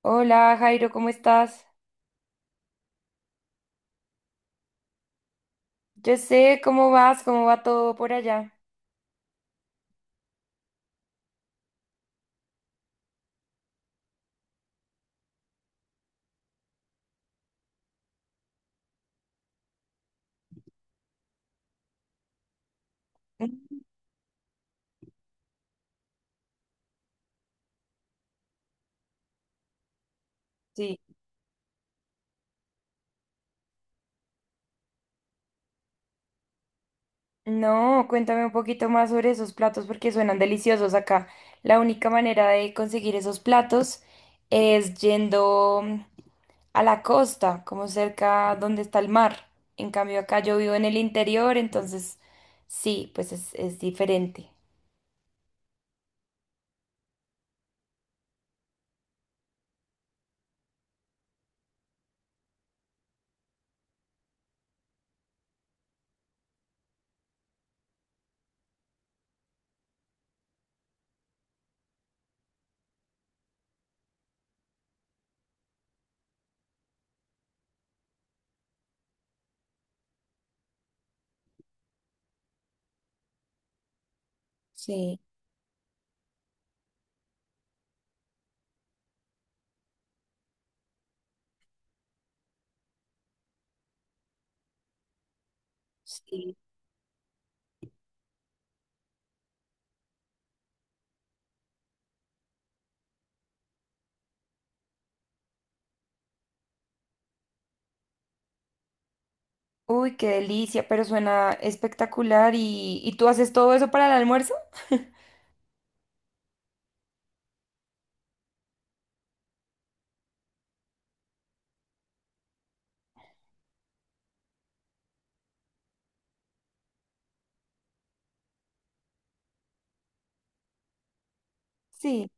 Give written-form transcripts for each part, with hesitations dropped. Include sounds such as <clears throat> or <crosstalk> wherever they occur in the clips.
Hola Jairo, ¿cómo estás? Yo sé cómo vas, cómo va todo por allá. Mm. Sí. No, cuéntame un poquito más sobre esos platos porque suenan deliciosos acá. La única manera de conseguir esos platos es yendo a la costa, como cerca donde está el mar. En cambio acá yo vivo en el interior, entonces sí, pues es diferente. Sí, sí. Uy, qué delicia, pero suena espectacular. Y tú haces todo eso para el almuerzo? Sí.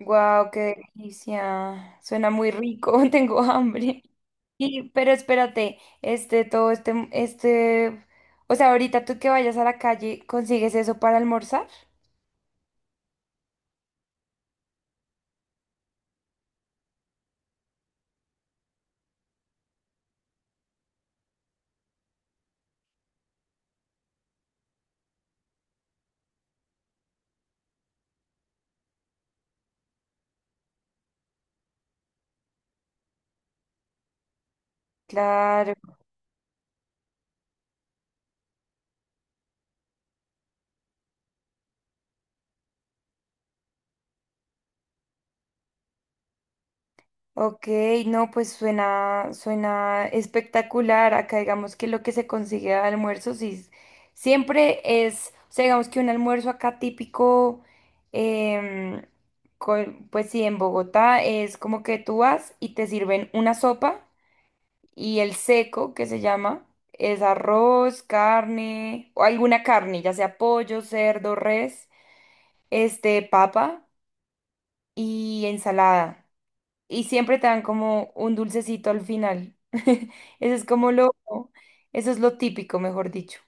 Guau, qué delicia. Suena muy rico, <laughs> tengo hambre. Y pero espérate, o sea, ahorita tú que vayas a la calle, ¿consigues eso para almorzar? Claro. Ok, no, pues suena, suena espectacular. Acá digamos que lo que se consigue de almuerzo siempre es, o sea, digamos que un almuerzo acá típico, em, pues sí, en Bogotá es como que tú vas y te sirven una sopa y el seco que se llama es arroz, carne o alguna carne, ya sea pollo, cerdo, res, este, papa y ensalada y siempre te dan como un dulcecito al final. <laughs> Eso es como lo, eso es lo típico, mejor dicho.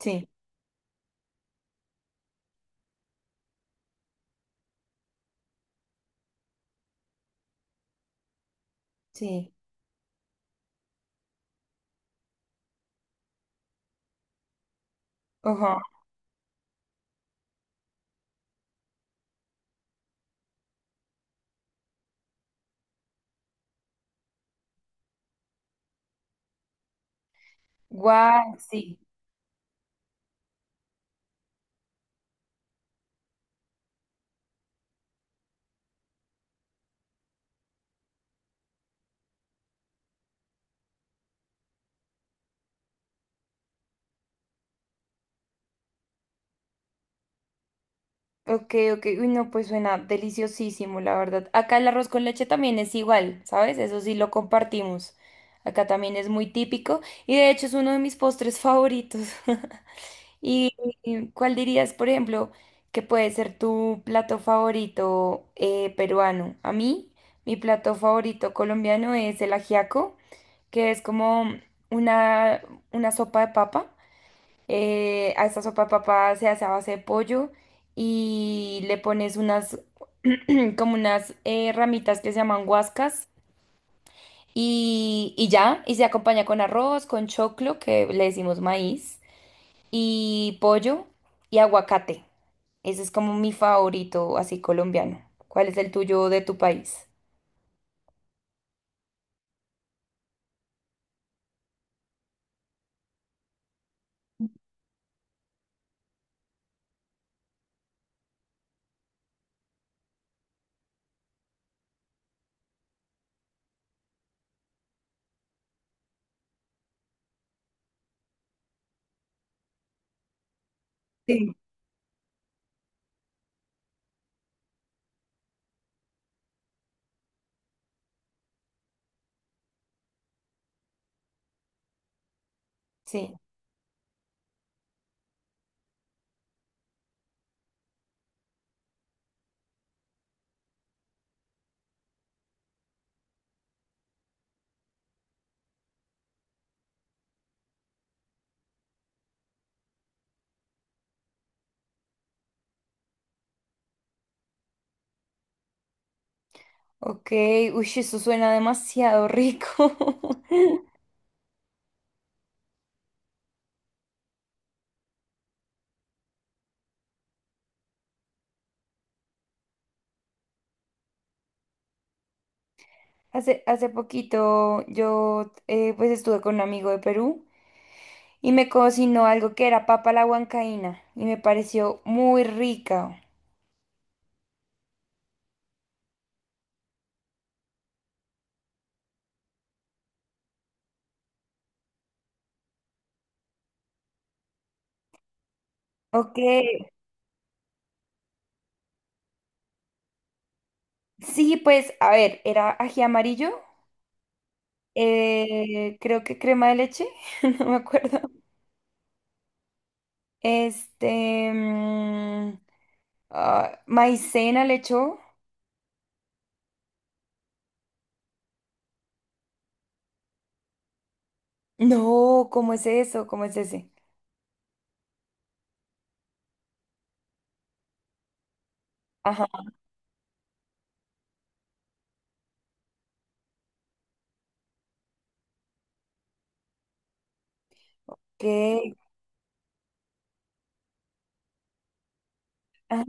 Sí, sí. Ajá. Guau, sí. Ok, ok. Uy, no, pues suena deliciosísimo, la verdad. Acá el arroz con leche también es igual, ¿sabes? Eso sí lo compartimos. Acá también es muy típico y de hecho es uno de mis postres favoritos. <laughs> ¿Y cuál dirías, por ejemplo, que puede ser tu plato favorito peruano? A mí, mi plato favorito colombiano es el ajiaco, que es como una, una sopa de papa. A esta sopa de papa se hace a base de pollo y le pones <clears throat> como unas ramitas que se llaman guascas y ya, y se acompaña con arroz, con choclo, que le decimos maíz, y pollo y aguacate. Ese es como mi favorito, así colombiano. ¿Cuál es el tuyo de tu país? Sí. Ok, uy, eso suena demasiado rico. <laughs> Hace, hace poquito yo pues estuve con un amigo de Perú y me cocinó algo que era papa a la huancaína y me pareció muy rica. Ok, sí, pues a ver, era ají amarillo, creo que crema de leche, <laughs> no me acuerdo. Este, mm, ah, maicena le echó. No, ¿cómo es eso? ¿Cómo es ese? Ajá, ok. Ah,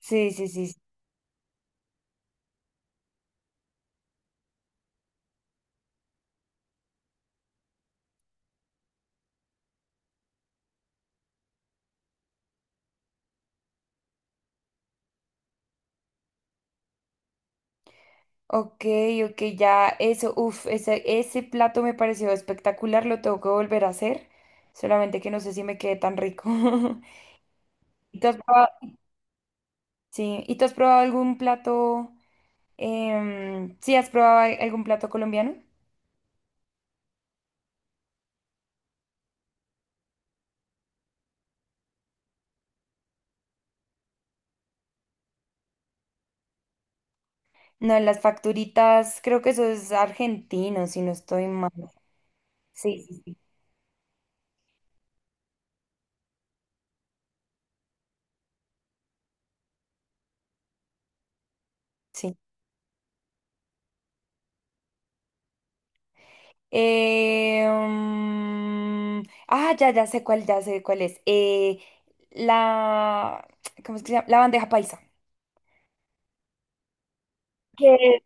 sí, sí, sí. Sí. Ok, uff, ese plato me pareció espectacular, lo tengo que volver a hacer, solamente que no sé si me quede tan rico. <laughs> ¿Y tú has probado, sí, ¿y tú has probado algún plato, em, sí, has probado algún plato colombiano? No, las facturitas, creo que eso es argentino, si no estoy mal. Sí, sí, sí. Mm, ah, ya sé cuál es. La, ¿cómo es que se llama? La bandeja paisa. Que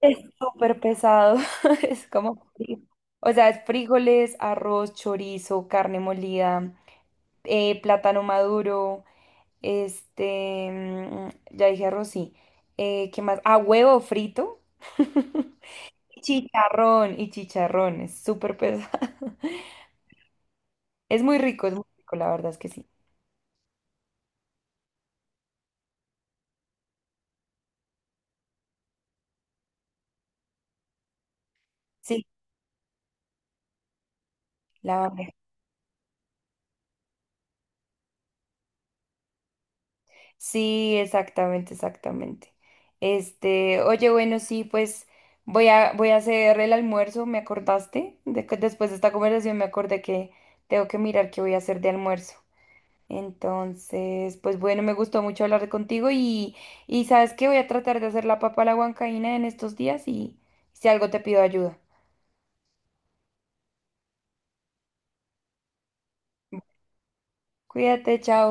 es súper pesado. <laughs> Es como, o sea, es frijoles, arroz, chorizo, carne molida, plátano maduro, ya dije arroz, sí. ¿Qué más? Ah, huevo frito. <laughs> Chicharrón y chicharrón. Es súper pesado. <laughs> Es muy rico, la verdad es que sí. Sí, la barrera. Sí, exactamente, exactamente. Este, oye, bueno, sí, pues voy a hacer el almuerzo, ¿me acordaste? Después de esta conversación me acordé que tengo que mirar qué voy a hacer de almuerzo. Entonces, pues bueno, me gustó mucho hablar contigo y sabes que voy a tratar de hacer la papa a la huancaína en estos días y si algo te pido ayuda. Cuídate, chao.